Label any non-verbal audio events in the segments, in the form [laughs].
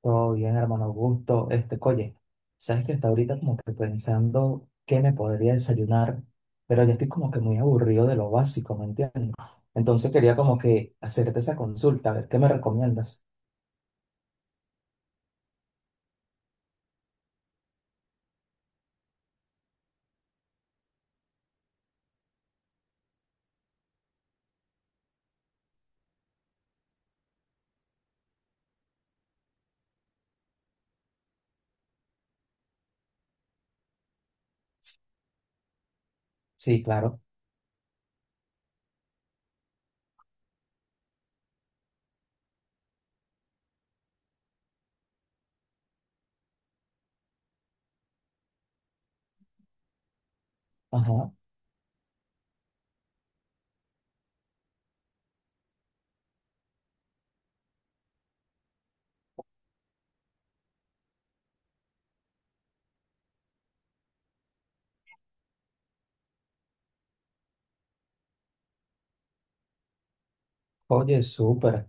Todo bien, hermano Augusto. Oye, sabes que está ahorita como que pensando qué me podría desayunar, pero ya estoy como que muy aburrido de lo básico, ¿me entiendes? Entonces quería como que hacerte esa consulta, a ver qué me recomiendas. Sí, claro. Ajá. Oye, súper.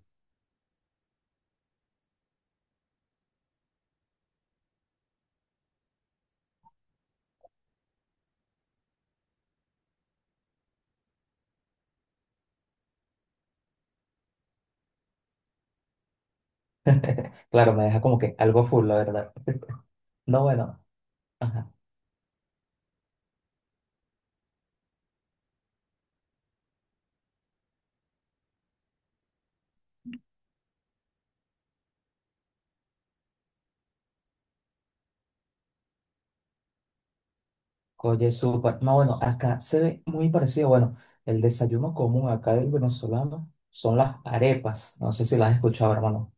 Claro, me deja como que algo full, la verdad. [laughs] No, bueno, ajá. Oye, súper. No, bueno, acá se ve muy parecido. Bueno, el desayuno común acá del venezolano son las arepas. No sé si las has escuchado, hermano.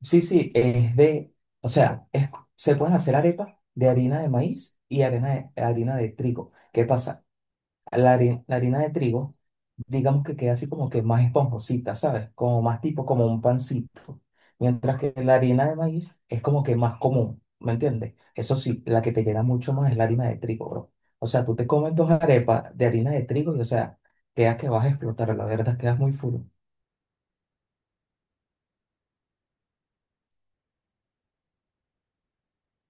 Sí, sí, es de, o sea, se pueden hacer arepas de harina de maíz y harina de trigo. ¿Qué pasa? La harina de trigo, digamos que queda así como que más esponjosita, ¿sabes? Como más tipo como un pancito. Mientras que la harina de maíz es como que más común, ¿me entiendes? Eso sí, la que te llena mucho más es la harina de trigo, bro. O sea, tú te comes dos arepas de harina de trigo y, o sea, quedas que vas a explotar, la verdad, quedas muy full.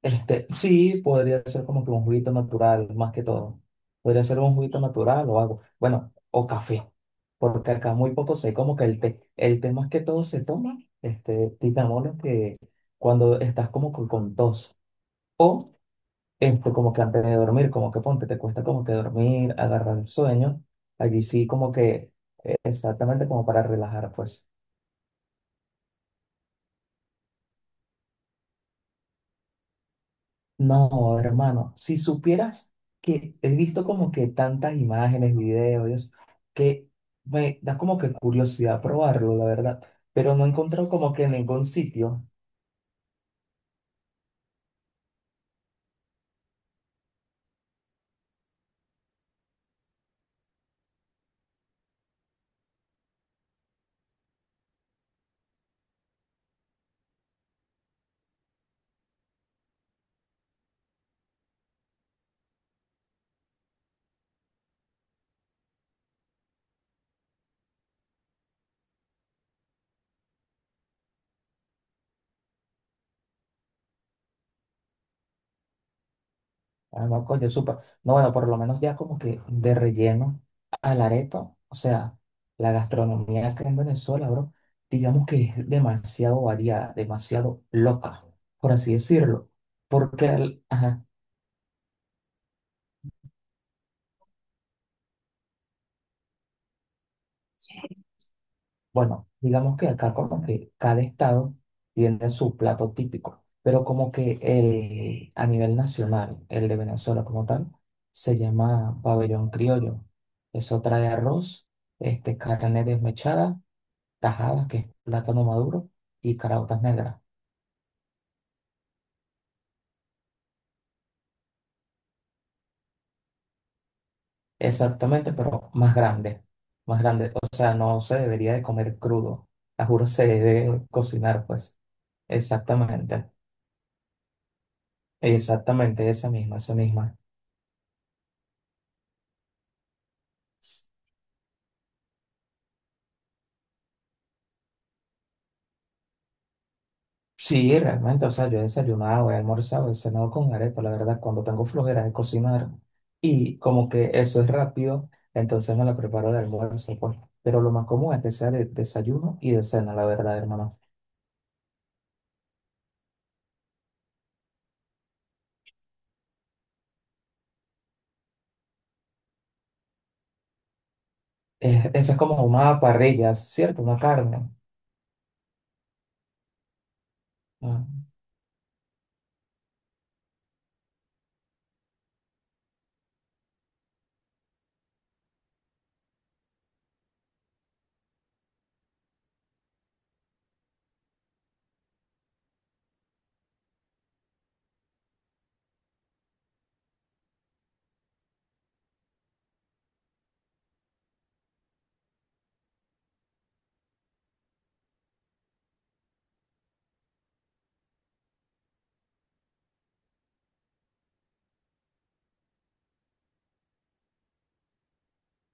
Sí, podría ser como que un juguito natural, más que todo. Podría ser un juguito natural o algo. Bueno, o café, porque acá muy poco sé como que el té. El té más que todo se toma, titamoles que cuando estás como que con tos. O como que antes de dormir, como que ponte, te cuesta como que dormir, agarrar el sueño. Allí sí como que exactamente como para relajar, pues. No, hermano, si supieras que he visto como que tantas imágenes, videos, y eso, que me da como que curiosidad probarlo, la verdad, pero no he encontrado como que en ningún sitio, ah, no, coño, supa, no, bueno, por lo menos ya como que de relleno a la arepa, o sea, la gastronomía acá en Venezuela, bro, digamos que es demasiado variada, demasiado loca, por así decirlo, porque, ajá, bueno, digamos que acá como que cada estado tiene su plato típico, pero como que el, a nivel nacional, el de Venezuela como tal, se llama pabellón criollo. Eso trae arroz, carne desmechada, tajadas, que es plátano maduro, y caraotas negras. Exactamente, pero más grande, más grande. O sea, no se debería de comer crudo. La juro se debe cocinar, pues. Exactamente, exactamente, esa misma, esa misma. Sí, realmente, o sea, yo he desayunado, he almorzado, he cenado con arepa, la verdad, cuando tengo flojera de cocinar y como que eso es rápido, entonces me la preparo de almuerzo, pues. Pero lo más común es que sea de desayuno y de cena, la verdad, hermano. Esa es como una parrilla, ¿cierto? Una carne. Ah,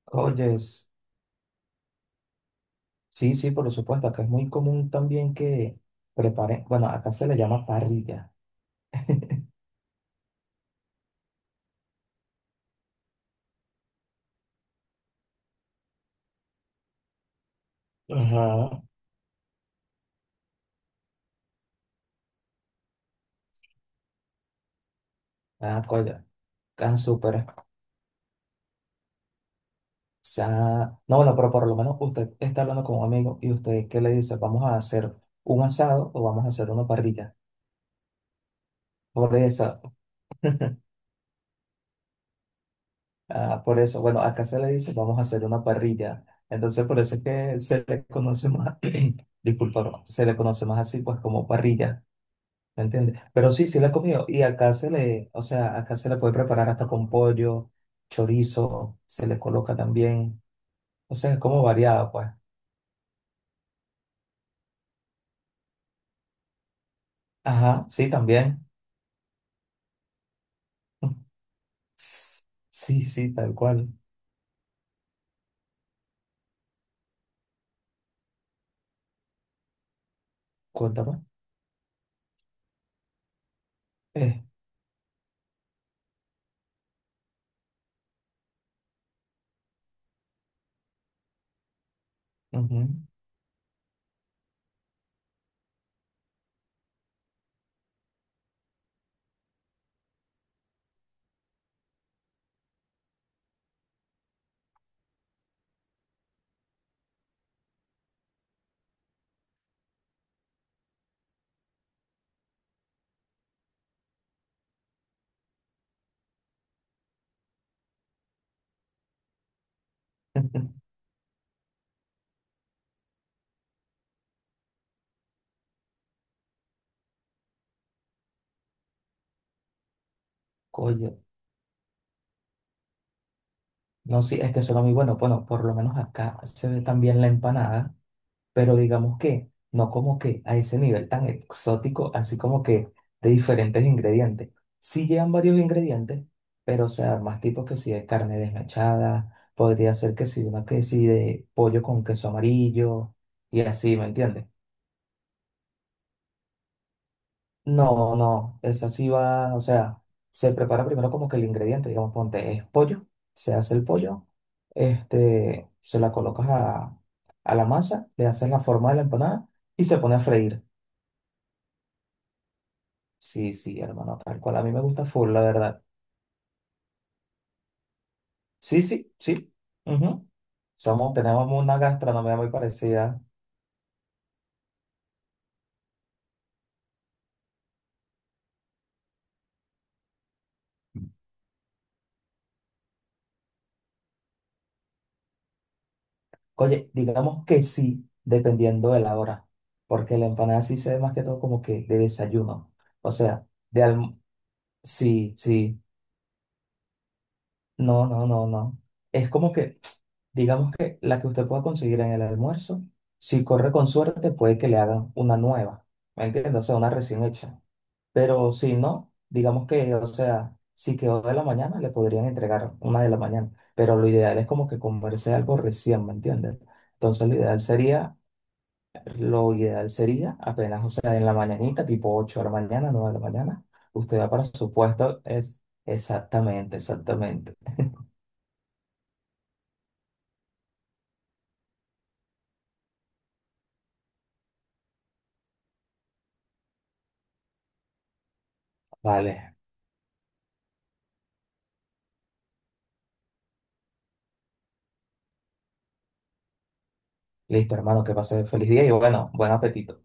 oye, sí, sí, por supuesto, acá es muy común también que preparen, bueno, acá se le llama parrilla. Ajá. Ah, coño, tan súper. Sea, no, bueno, pero por lo menos usted está hablando con un amigo y usted qué le dice, vamos a hacer un asado o vamos a hacer una parrilla. Por eso, ah, por eso, bueno, acá se le dice, vamos a hacer una parrilla. Entonces, por eso es que se le conoce más, [clears throat] disculpa, bro, se le conoce más así, pues como parrilla, ¿me entiendes? Pero sí, sí la he comido y acá se le, o sea, acá se le puede preparar hasta con pollo, chorizo, se le coloca también, o sea, es como variada, pues. Ajá, sí, también. Sí, sí, tal cual. Cuéntame. Eh, Ujú. [laughs] Coño. No, sí, es que suena muy bueno. Bueno, por lo menos acá se ve también la empanada, pero digamos que no como que a ese nivel tan exótico, así como que de diferentes ingredientes. Sí llevan varios ingredientes, pero o sea, más tipos que si de carne desmechada, podría ser que si una que si de pollo con queso amarillo y así, ¿me entiendes? No, no, esa sí va, o sea, se prepara primero como que el ingrediente, digamos, ponte, es pollo, se hace el pollo, se la colocas a la masa, le haces la forma de la empanada y se pone a freír. Sí, sí, hermano, tal cual, a mí me gusta full, la verdad. Sí, sí, sí, ujú. Somos, tenemos una gastronomía muy parecida. Oye, digamos que sí, dependiendo de la hora, porque la empanada sí se ve más que todo como que de desayuno, o sea, de alm- sí, sí. No, no, no, no. Es como que, [tsk] digamos que la que usted pueda conseguir en el almuerzo, si corre con suerte, puede que le hagan una nueva, ¿me entiendes? O sea, una recién hecha. Pero si no, digamos que, o sea, si quedó de la mañana, le podrían entregar una de la mañana. Pero lo ideal es como que comerse algo recién, ¿me entiendes? Entonces, lo ideal sería apenas, o sea, en la mañanita, tipo 8, de la mañana, 9 de la mañana, usted va para su puesto, es exactamente, exactamente. Vale. Listo, hermano, que pase feliz día y bueno, buen apetito.